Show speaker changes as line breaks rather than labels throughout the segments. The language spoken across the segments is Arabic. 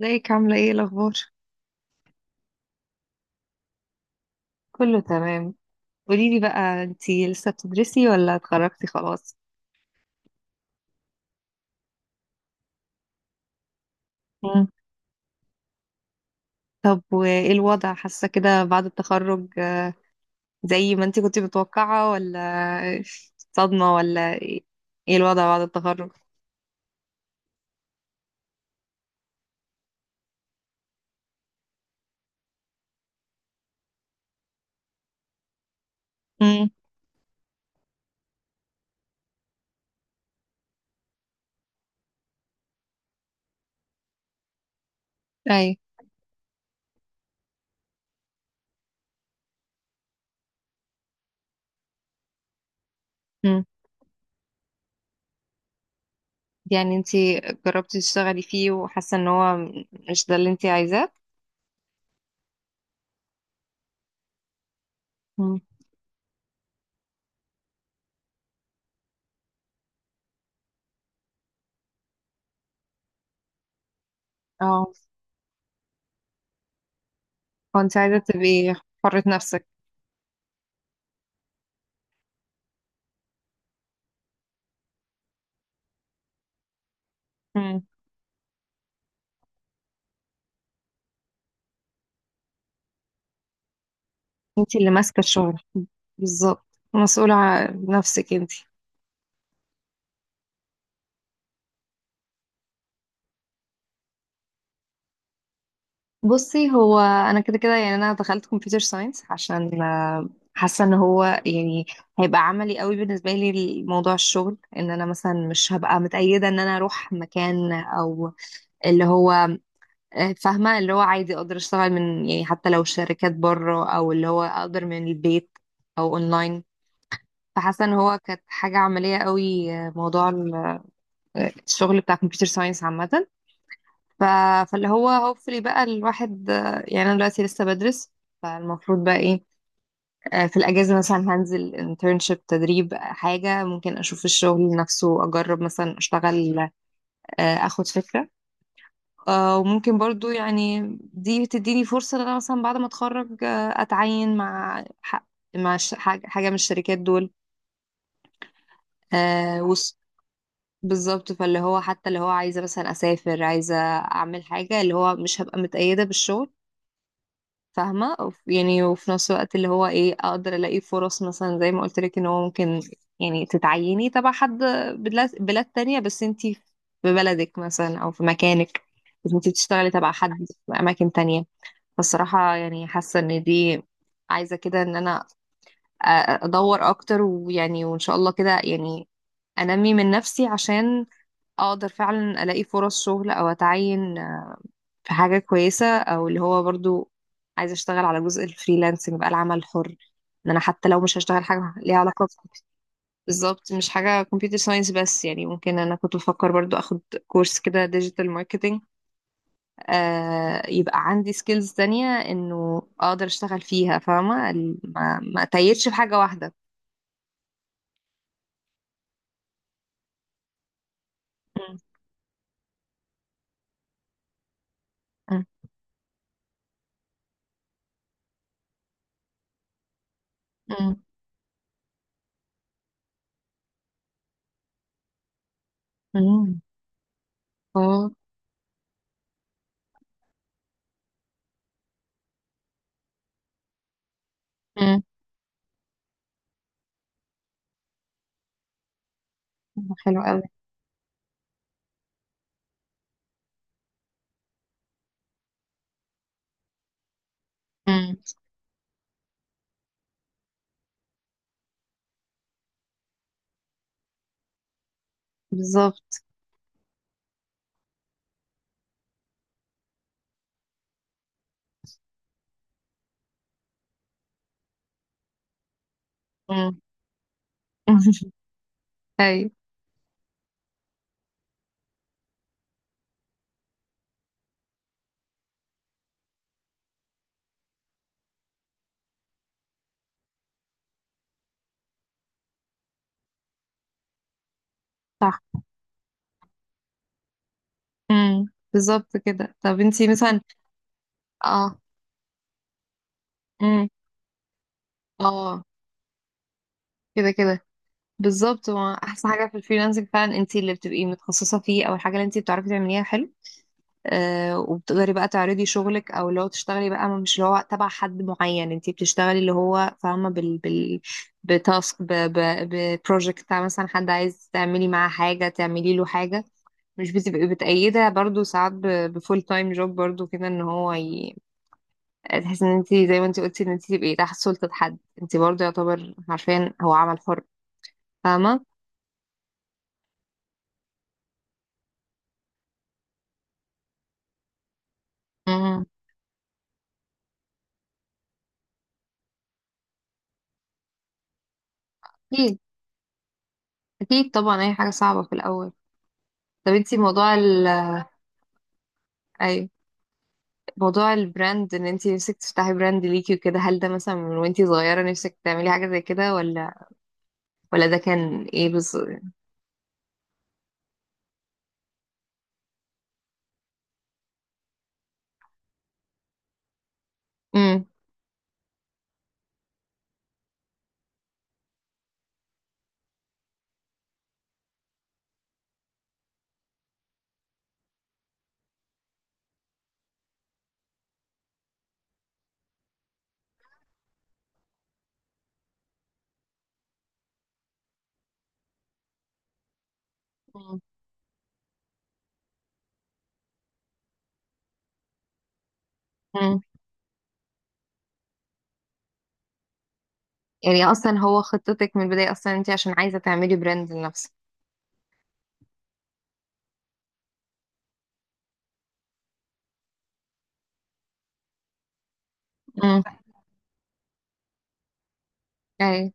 ازيك عاملة ايه الأخبار؟ كله تمام. قوليلي بقى انتي لسه بتدرسي ولا اتخرجتي خلاص؟ مم. طب وايه الوضع حاسة كده بعد التخرج، زي ما انتي كنتي متوقعة ولا صدمة ولا ايه؟ ايه الوضع بعد التخرج؟ مم. أي. مم. يعني انتي جربتي تشتغلي فيه وحاسة ان هو مش ده اللي انتي عايزاه؟ مم. اه. هو انتي عايزة تبقي حرة نفسك. مم. انتي اللي ماسكة الشغل بالظبط، مسؤولة عن نفسك انتي. بصي، هو انا كده كده يعني انا دخلت كمبيوتر ساينس عشان، حاسه ان هو يعني هيبقى عملي قوي بالنسبه لي لموضوع الشغل، ان انا مثلا مش هبقى متقيده ان انا اروح مكان او اللي هو، فاهمه؟ اللي هو عادي اقدر اشتغل من، يعني حتى لو شركات بره، او اللي هو اقدر من البيت او اونلاين. فحاسه ان هو كانت حاجه عمليه قوي، موضوع الشغل بتاع كمبيوتر ساينس عامه. ف... فاللي هو هوبفلي بقى الواحد، يعني انا دلوقتي لسه بدرس، فالمفروض بقى ايه؟ في الاجازه مثلا هنزل انترنشيب، تدريب، حاجه ممكن اشوف الشغل نفسه، اجرب مثلا اشتغل، اخد فكره. وممكن برضو يعني دي بتديني فرصه ان انا مثلا بعد ما اتخرج، اتعين مع حاجة من الشركات دول، آه، وص- بالظبط. فاللي هو حتى اللي هو عايزه مثلا اسافر، عايزه اعمل حاجه، اللي هو مش هبقى متقيده بالشغل، فاهمة؟ يعني وفي نفس الوقت اللي هو ايه، اقدر الاقي فرص مثلا زي ما قلت لك ان هو ممكن يعني تتعيني تبع حد، بلاد تانية، بس انتي في بلدك مثلا او في مكانك، بس انتي بتشتغلي تبع حد في اماكن تانية. فالصراحة يعني حاسة ان دي، عايزة كده ان انا، ادور اكتر، ويعني وان شاء الله كده يعني انمي من نفسي عشان اقدر فعلا الاقي فرص شغل او اتعين في حاجة كويسة، او اللي هو برضو عايزة اشتغل على جزء الفريلانسنج بقى، العمل الحر، ان انا حتى لو مش هشتغل حاجة ليها علاقة بالظبط، مش حاجة كمبيوتر ساينس بس، يعني ممكن انا كنت بفكر برضو اخد كورس كده ديجيتال ماركتينج، آه، يبقى عندي سكيلز تانية انه اقدر اشتغل فيها، فاهمة؟ ما اتيتش في حاجة واحدة. مم. مم. مم. مم. اه. مم. حلو قوي. مم. بالظبط. مم. ايوه. صح. امم. بالظبط كده. طب انتي مثلا، اه، امم، اه، كده كده بالظبط. ما احسن حاجه في الفريلانسنج فعلا، انتي اللي بتبقي متخصصه فيه او الحاجه اللي انتي بتعرفي تعمليها، حلو. آه، وبتقدري بقى تعرضي شغلك، او اللي هو تشتغلي بقى مش اللي هو تبع حد معين، انتي بتشتغلي اللي هو فاهمه، بال بتاسك، ب ببروجكت بتاع مثلا حد عايز تعملي معاه حاجه، تعملي له حاجه، مش بتبقي بتأيدها برضو ساعات بفول تايم جوب، برضو كده ان هو تحس ان انت زي ما انت قلتي ان انت تبقي تحت سلطة حد، انت برضه يعتبر عارفين هو عمل حر، فاهمة؟ مم. اكيد، اكيد طبعا، اي حاجة صعبة في الاول. طب انت موضوع ال، اي، موضوع البراند، ان انت نفسك تفتحي براند ليكي وكده، هل ده مثلا من وانت صغيرة نفسك تعملي حاجة زي كده، ولا ولا ده كان ايه بس؟ امم. امم. يعني اصلا هو خطتك من البداية اصلا انت عشان عايزة تعملي براند لنفسك. امم. اي.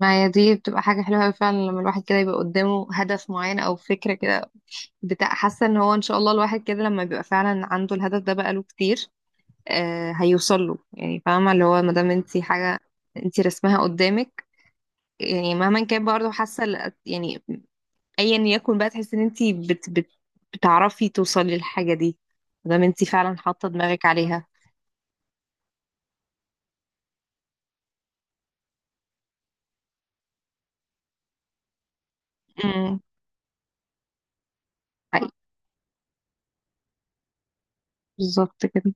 ما هي دي بتبقى حاجة حلوة أوي فعلا، لما الواحد كده يبقى قدامه هدف معين أو فكرة كده بتاع، حاسه ان هو ان شاء الله الواحد كده لما بيبقى فعلا عنده الهدف ده بقاله كتير، آه هيوصل له، يعني فاهمه؟ اللي هو ما دام انت حاجه انت رسمها قدامك، يعني مهما كان برضه حاسه، يعني ايا يكن بقى، تحسي ان انت بت بتعرفي توصلي للحاجه دي ما دام انت فعلا حاطه دماغك عليها. امم. حقيقي. بالظبط كده.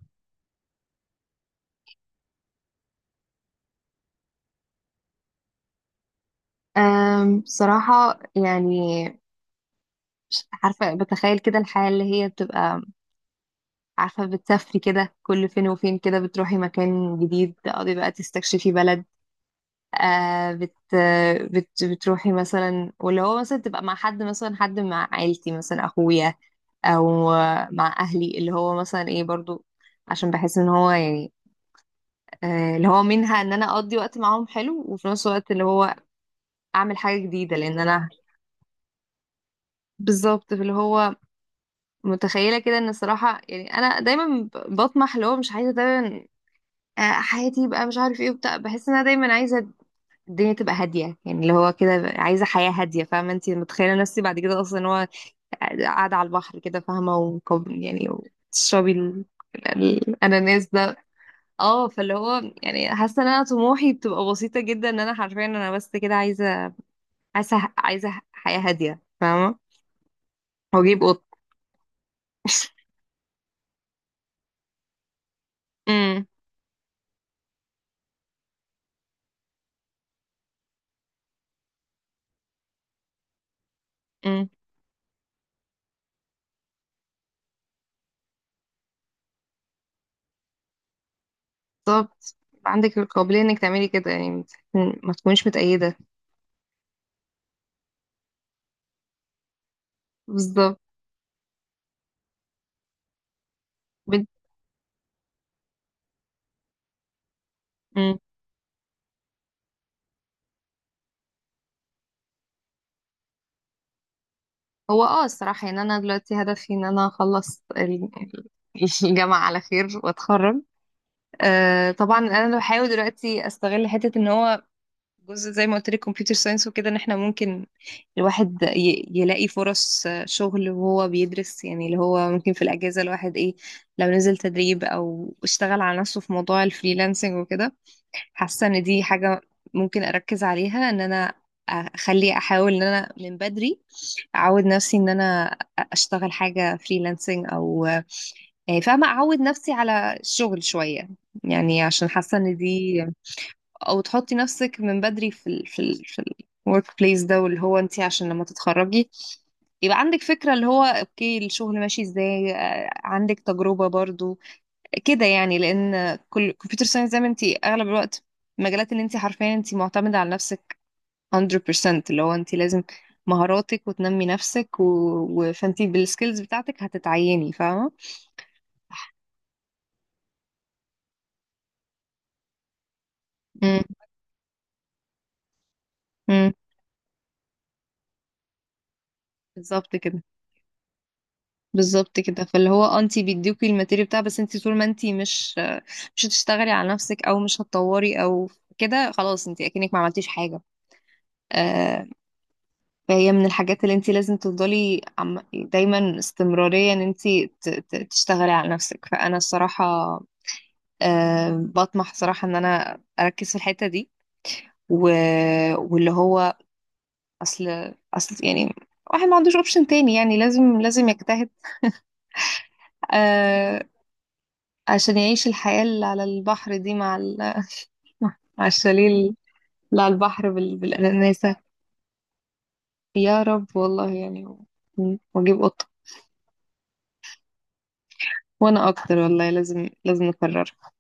أم، بصراحه يعني مش عارفه، بتخيل كده الحياه اللي هي بتبقى، عارفة بتسافري كده كل فين وفين، كده بتروحي مكان جديد تقعدي بقى تستكشفي بلد، آه بت بتروحي مثلا، واللي هو مثلا تبقى مع حد مثلا، حد مع عيلتي مثلا، أخويا أو مع أهلي، اللي هو مثلا إيه برضو، عشان بحس إن هو يعني آه اللي هو منها إن أنا أقضي وقت معاهم حلو، وفي نفس الوقت اللي هو أعمل حاجة جديدة، لأن أنا بالظبط اللي هو متخيلة كده، إن الصراحة يعني أنا دايما بطمح اللي هو مش عايزة دايما، حياتي بقى مش عارف ايه وبتاع، بحس ان انا دايما عايزه الدنيا تبقى هاديه، يعني اللي هو كده عايزه حياه هاديه، فاهمه؟ انت متخيله نفسي بعد كده اصلا إن هو قاعده على البحر كده، فاهمه؟ وكوب يعني وتشربي الاناناس ده. اه، فاللي هو يعني حاسه ان انا طموحي بتبقى بسيطه جدا، ان انا حرفيا انا بس كده عايزه حياه هاديه، فاهمه؟ واجيب قط. امم. امم بالظبط، يبقى عندك القابليه انك تعملي كده يعني، ما تكونيش متأيده. بالظبط. بنت. هو اه الصراحة يعني أنا دلوقتي هدفي إن أنا أخلص الجامعة على خير وأتخرج. آه طبعا أنا بحاول دلوقتي أستغل حتة إن هو جزء زي ما قلت لك كمبيوتر ساينس وكده، إن إحنا ممكن الواحد يلاقي فرص، شغل وهو بيدرس، يعني اللي هو ممكن في الأجازة الواحد إيه، لو نزل تدريب أو اشتغل على نفسه في موضوع الفريلانسنج وكده، حاسة إن دي حاجة ممكن أركز عليها، إن أنا أخلي أحاول إن أنا من بدري اعود نفسي ان انا اشتغل حاجه فريلانسنج او يعني، فاهمه؟ اعود نفسي على الشغل شويه يعني، عشان حاسه ان دي، او تحطي نفسك من بدري في في ال في الورك بليس ده، واللي هو انت عشان لما تتخرجي يبقى عندك فكره اللي هو اوكي الشغل ماشي ازاي، عندك تجربه برضو كده يعني. لان كل كمبيوتر ساينس زي ما انت، اغلب الوقت المجالات اللي انت حرفيا انت معتمده على نفسك 100%، اللي هو انت لازم مهاراتك وتنمي نفسك فانت بالسكيلز بتاعتك هتتعيني، فاهمه؟ امم. امم بالظبط كده، بالظبط كده. فاللي هو انت بيديكي الماتيريال بتاع، بس انت طول ما انت مش، مش هتشتغلي على نفسك او مش هتطوري او كده، خلاص انت اكنك ما عملتيش حاجه. آه. فهي من الحاجات اللي انت لازم تفضلي دايما استمراريه، ان انت تشتغلي على نفسك. فانا الصراحه، آه بطمح صراحه ان انا اركز في الحته دي و... واللي هو، اصل اصل يعني واحد ما عندوش اوبشن تاني، يعني لازم يجتهد، آه، عشان يعيش الحياة اللي على البحر دي، مع مع الشاليه اللي على البحر، بالأناناسة. يا رب والله يعني. واجيب قطة. وانا اكتر والله، لازم نكررها.